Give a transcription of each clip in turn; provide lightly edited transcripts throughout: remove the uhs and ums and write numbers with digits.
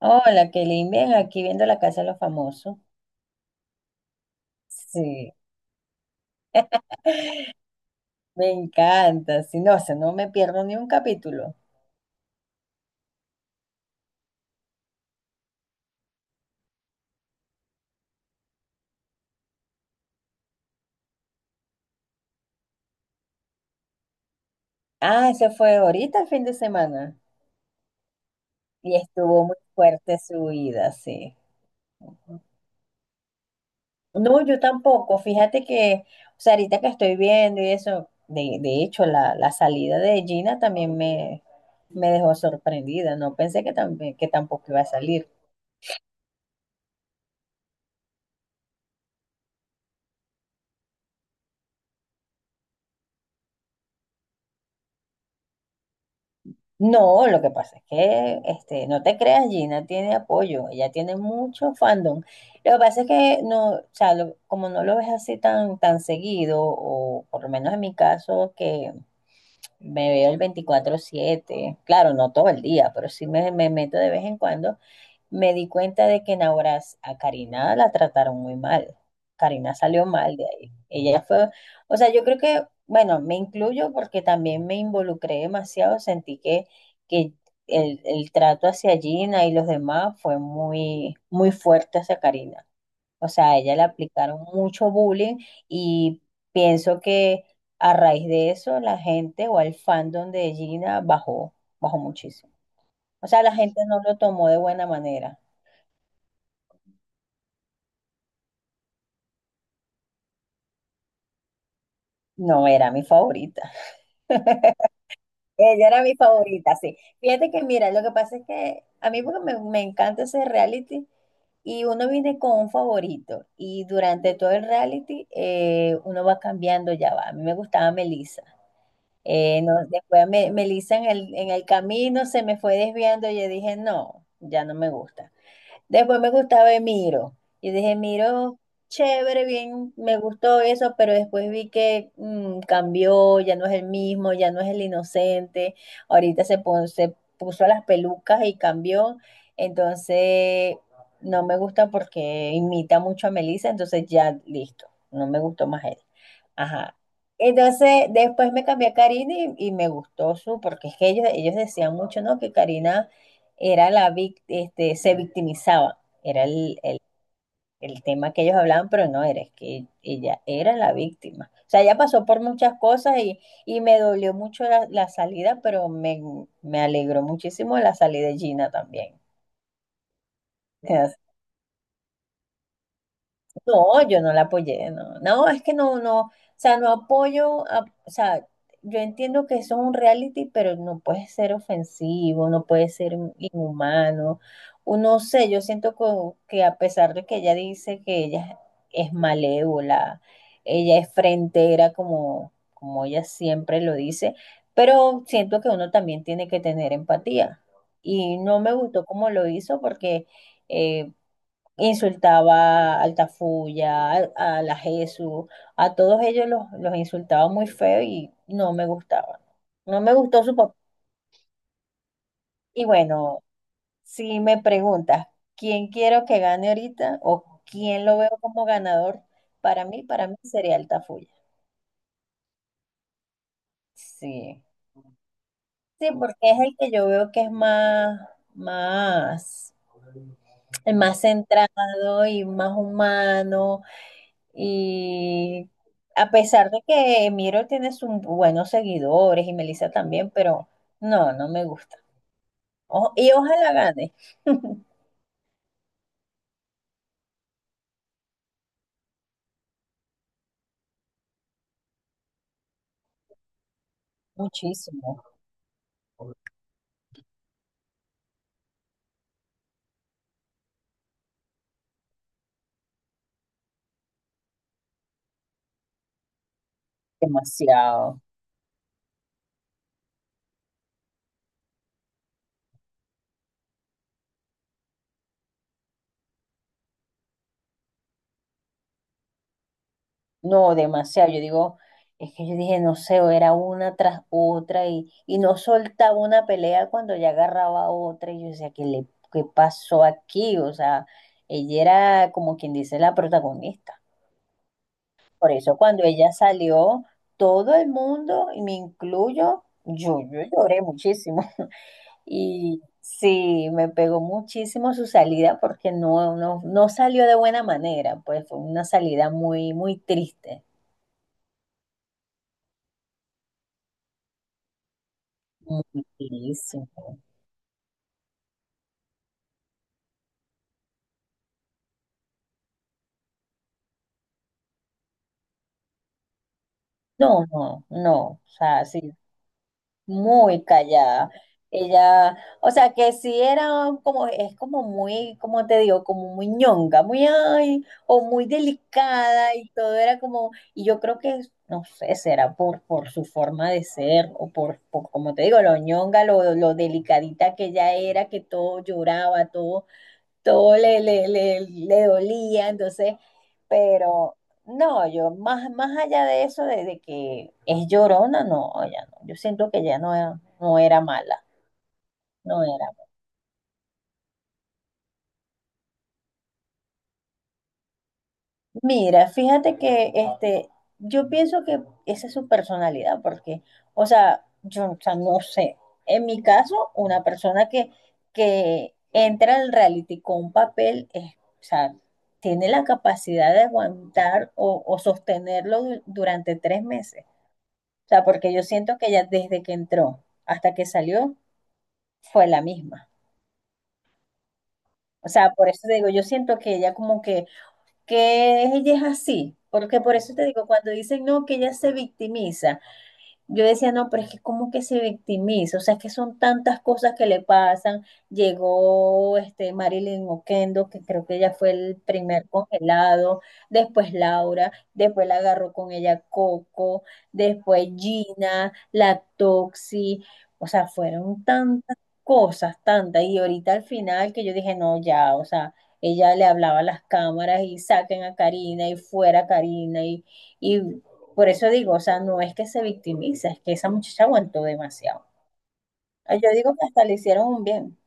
Hola, Kelly, bien, aquí viendo la casa de los famosos. Sí, me encanta. Si no, o sea, no me pierdo ni un capítulo. Ah, ese fue ahorita el fin de semana. Y estuvo muy fuerte su vida, sí. No, yo tampoco. Fíjate que, o sea, ahorita que estoy viendo y eso, de hecho, la salida de Gina también me dejó sorprendida. No pensé que, también, que tampoco iba a salir. No, lo que pasa es que este, no te creas, Gina tiene apoyo, ella tiene mucho fandom. Lo que pasa es que no, o sea, como no lo ves así tan, tan seguido, o por lo menos en mi caso, que me veo el veinticuatro siete, claro, no todo el día, pero sí me meto de vez en cuando, me di cuenta de que en Auras a Karina la trataron muy mal. Karina salió mal de ahí. Ella fue, o sea, yo creo que, bueno, me incluyo porque también me involucré demasiado, sentí que el trato hacia Gina y los demás fue muy, muy fuerte hacia Karina. O sea, a ella le aplicaron mucho bullying y pienso que a raíz de eso la gente o el fandom de Gina bajó, bajó muchísimo. O sea, la gente no lo tomó de buena manera. No era mi favorita. Ella era mi favorita, sí. Fíjate que, mira, lo que pasa es que a mí porque me encanta ese reality y uno viene con un favorito y durante todo el reality uno va cambiando, ya va. A mí me gustaba Melissa. No, después me, Melissa en el camino se me fue desviando y yo dije, no, ya no me gusta. Después me gustaba Emiro. Y dije, Miro, chévere, bien, me gustó eso, pero después vi que cambió, ya no es el mismo, ya no es el inocente. Ahorita se, se puso las pelucas y cambió. Entonces, no me gusta porque imita mucho a Melissa, entonces ya listo, no me gustó más él. Ajá. Entonces, después me cambié a Karina y me gustó su, porque es que ellos decían mucho, ¿no? Que Karina era este, se victimizaba, era el el- tema que ellos hablaban, pero no era, es que ella era la víctima. O sea, ella pasó por muchas cosas y me dolió mucho la salida, pero me alegró muchísimo la salida de Gina también. No, yo no la apoyé, no. No, es que no, no, o sea, no apoyo, o sea, yo entiendo que eso es un reality, pero no puede ser ofensivo, no puede ser inhumano. Uno sé, yo siento que, a pesar de que ella dice que ella es malévola, ella es frentera como, como ella siempre lo dice, pero siento que uno también tiene que tener empatía. Y no me gustó cómo lo hizo porque eh, insultaba al Tafuya, a, la Jesús, a todos ellos los insultaba muy feo y no me gustaba. No me gustó su papá. Y bueno, si me preguntas quién quiero que gane ahorita o quién lo veo como ganador, para mí sería el Tafuya. Sí. Sí, porque es el que yo veo que es más, más, el más centrado y más humano. Y a pesar de que Miro tiene sus buenos seguidores y Melissa también, pero no, no me gusta. Y ojalá gane. Muchísimo. Demasiado. No, demasiado. Yo digo, es que yo dije, no sé, era una tras otra y no soltaba una pelea cuando ya agarraba otra. Y yo decía, ¿qué le, qué pasó aquí? O sea, ella era como quien dice la protagonista. Por eso cuando ella salió, todo el mundo, y me incluyo, yo lloré muchísimo. Y sí, me pegó muchísimo su salida porque no, no, no salió de buena manera, pues fue una salida muy, muy triste. Muchísimo. No, no, no. O sea, sí, muy callada. Ella, o sea, que sí era como, es como muy, como te digo, como muy ñonga, muy ay, o muy delicada y todo era como, y yo creo que, no sé, será por su forma de ser o por, como te digo, lo ñonga, lo delicadita que ella era, que todo lloraba, todo todo le, le, le, le dolía, entonces, pero no, yo más, más allá de eso, de que es llorona, no, ya no, yo siento que ya no, no era mala, no era. Mira, fíjate que este, yo pienso que esa es su personalidad, porque, o sea, yo, o sea, no sé. En mi caso, una persona que entra al reality con un papel, es, o sea, tiene la capacidad de aguantar o sostenerlo durante 3 meses. O sea, porque yo siento que ella desde que entró hasta que salió fue la misma. O sea, por eso te digo, yo siento que ella como que ella es así, porque por eso te digo, cuando dicen no, que ella se victimiza, yo decía, no, pero es que como que se victimiza, o sea, es que son tantas cosas que le pasan. Llegó este Marilyn Oquendo, que creo que ella fue el primer congelado, después Laura, después la agarró con ella Coco, después Gina, la Toxi, o sea, fueron tantas cosas, tantas. Y ahorita al final que yo dije, no, ya, o sea, ella le hablaba a las cámaras y saquen a Karina y fuera Karina y por eso digo, o sea, no es que se victimiza, es que esa muchacha aguantó demasiado. Ah, yo digo que hasta le hicieron un bien,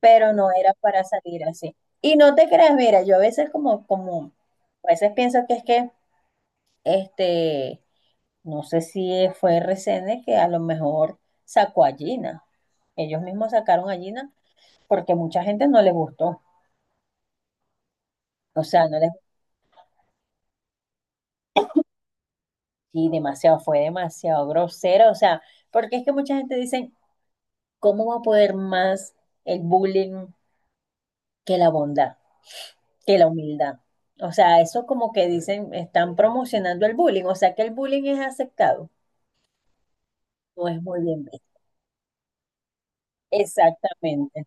pero no era para salir así. Y no te creas, mira, yo a veces como, como, a veces pienso que es que, este, no sé si fue RCN que a lo mejor sacó a Gina. Ellos mismos sacaron a Gina porque mucha gente no les gustó. O sea, no les y demasiado, fue demasiado grosero. O sea, porque es que mucha gente dice, ¿cómo va a poder más el bullying que la bondad, que la humildad? O sea, eso como que dicen, están promocionando el bullying, o sea que el bullying es aceptado, no es muy bien visto. Exactamente.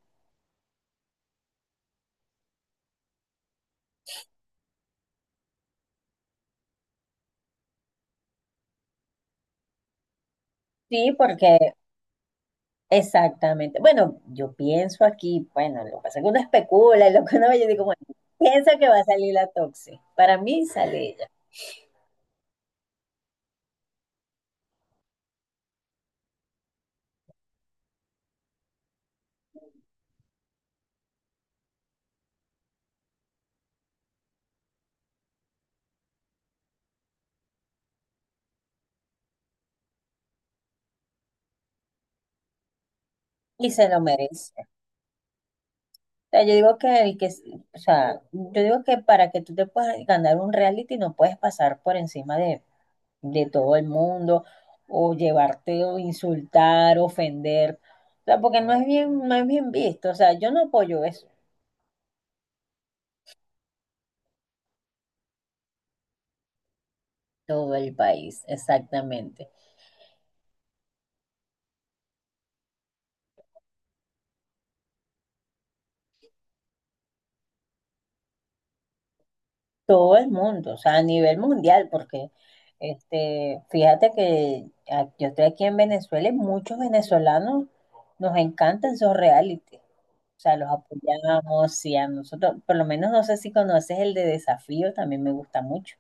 Sí, porque exactamente. Bueno, yo pienso aquí, bueno, lo que pasa es que uno especula, y lo que uno ve, yo digo, bueno, piensa que va a salir la Toxi. Para mí sale ella y se lo merece. O sea, yo digo que el que, o sea, yo digo que para que tú te puedas ganar un reality no puedes pasar por encima de todo el mundo, o llevarte o insultar, ofender, o sea, porque no es bien, no es bien visto, o sea, yo no apoyo eso. Todo el país, exactamente. Todo el mundo, o sea, a nivel mundial, porque este, fíjate que yo estoy aquí en Venezuela y muchos venezolanos nos encantan esos reality. O sea, los apoyamos y a nosotros, por lo menos no sé si conoces el de Desafío, también me gusta mucho.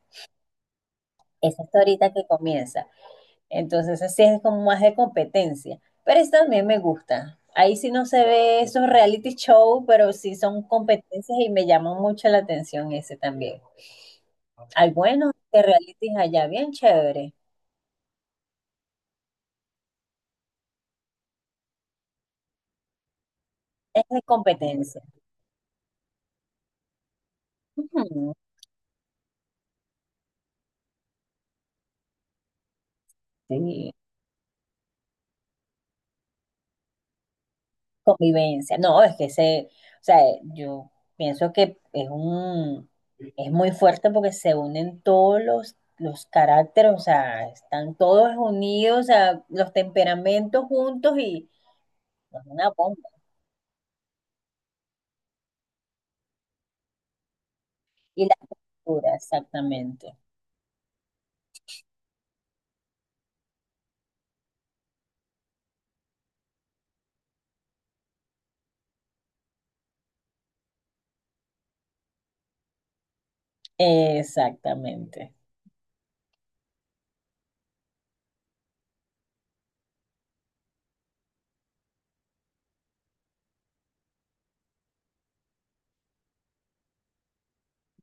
Ese está ahorita que comienza. Entonces, así es como más de competencia. Pero eso también me gusta. Ahí sí no se ve esos reality show, pero sí son competencias y me llama mucho la atención ese también. Hay buenos de realities allá, bien chévere. Es de competencia. Ujú, sí, convivencia. No, es que se, o sea, yo pienso que es un, es muy fuerte porque se unen todos los caracteres, o sea, están todos unidos, o sea, los temperamentos juntos y es una bomba. Y la cultura, exactamente. Exactamente.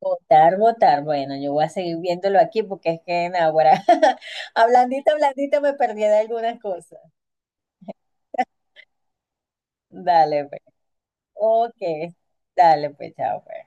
Votar, votar. Bueno, yo voy a seguir viéndolo aquí porque es que en ahora, hablandita, hablandita, me perdí de algunas cosas. Dale, pues. Ok, dale, pues, chao, pues.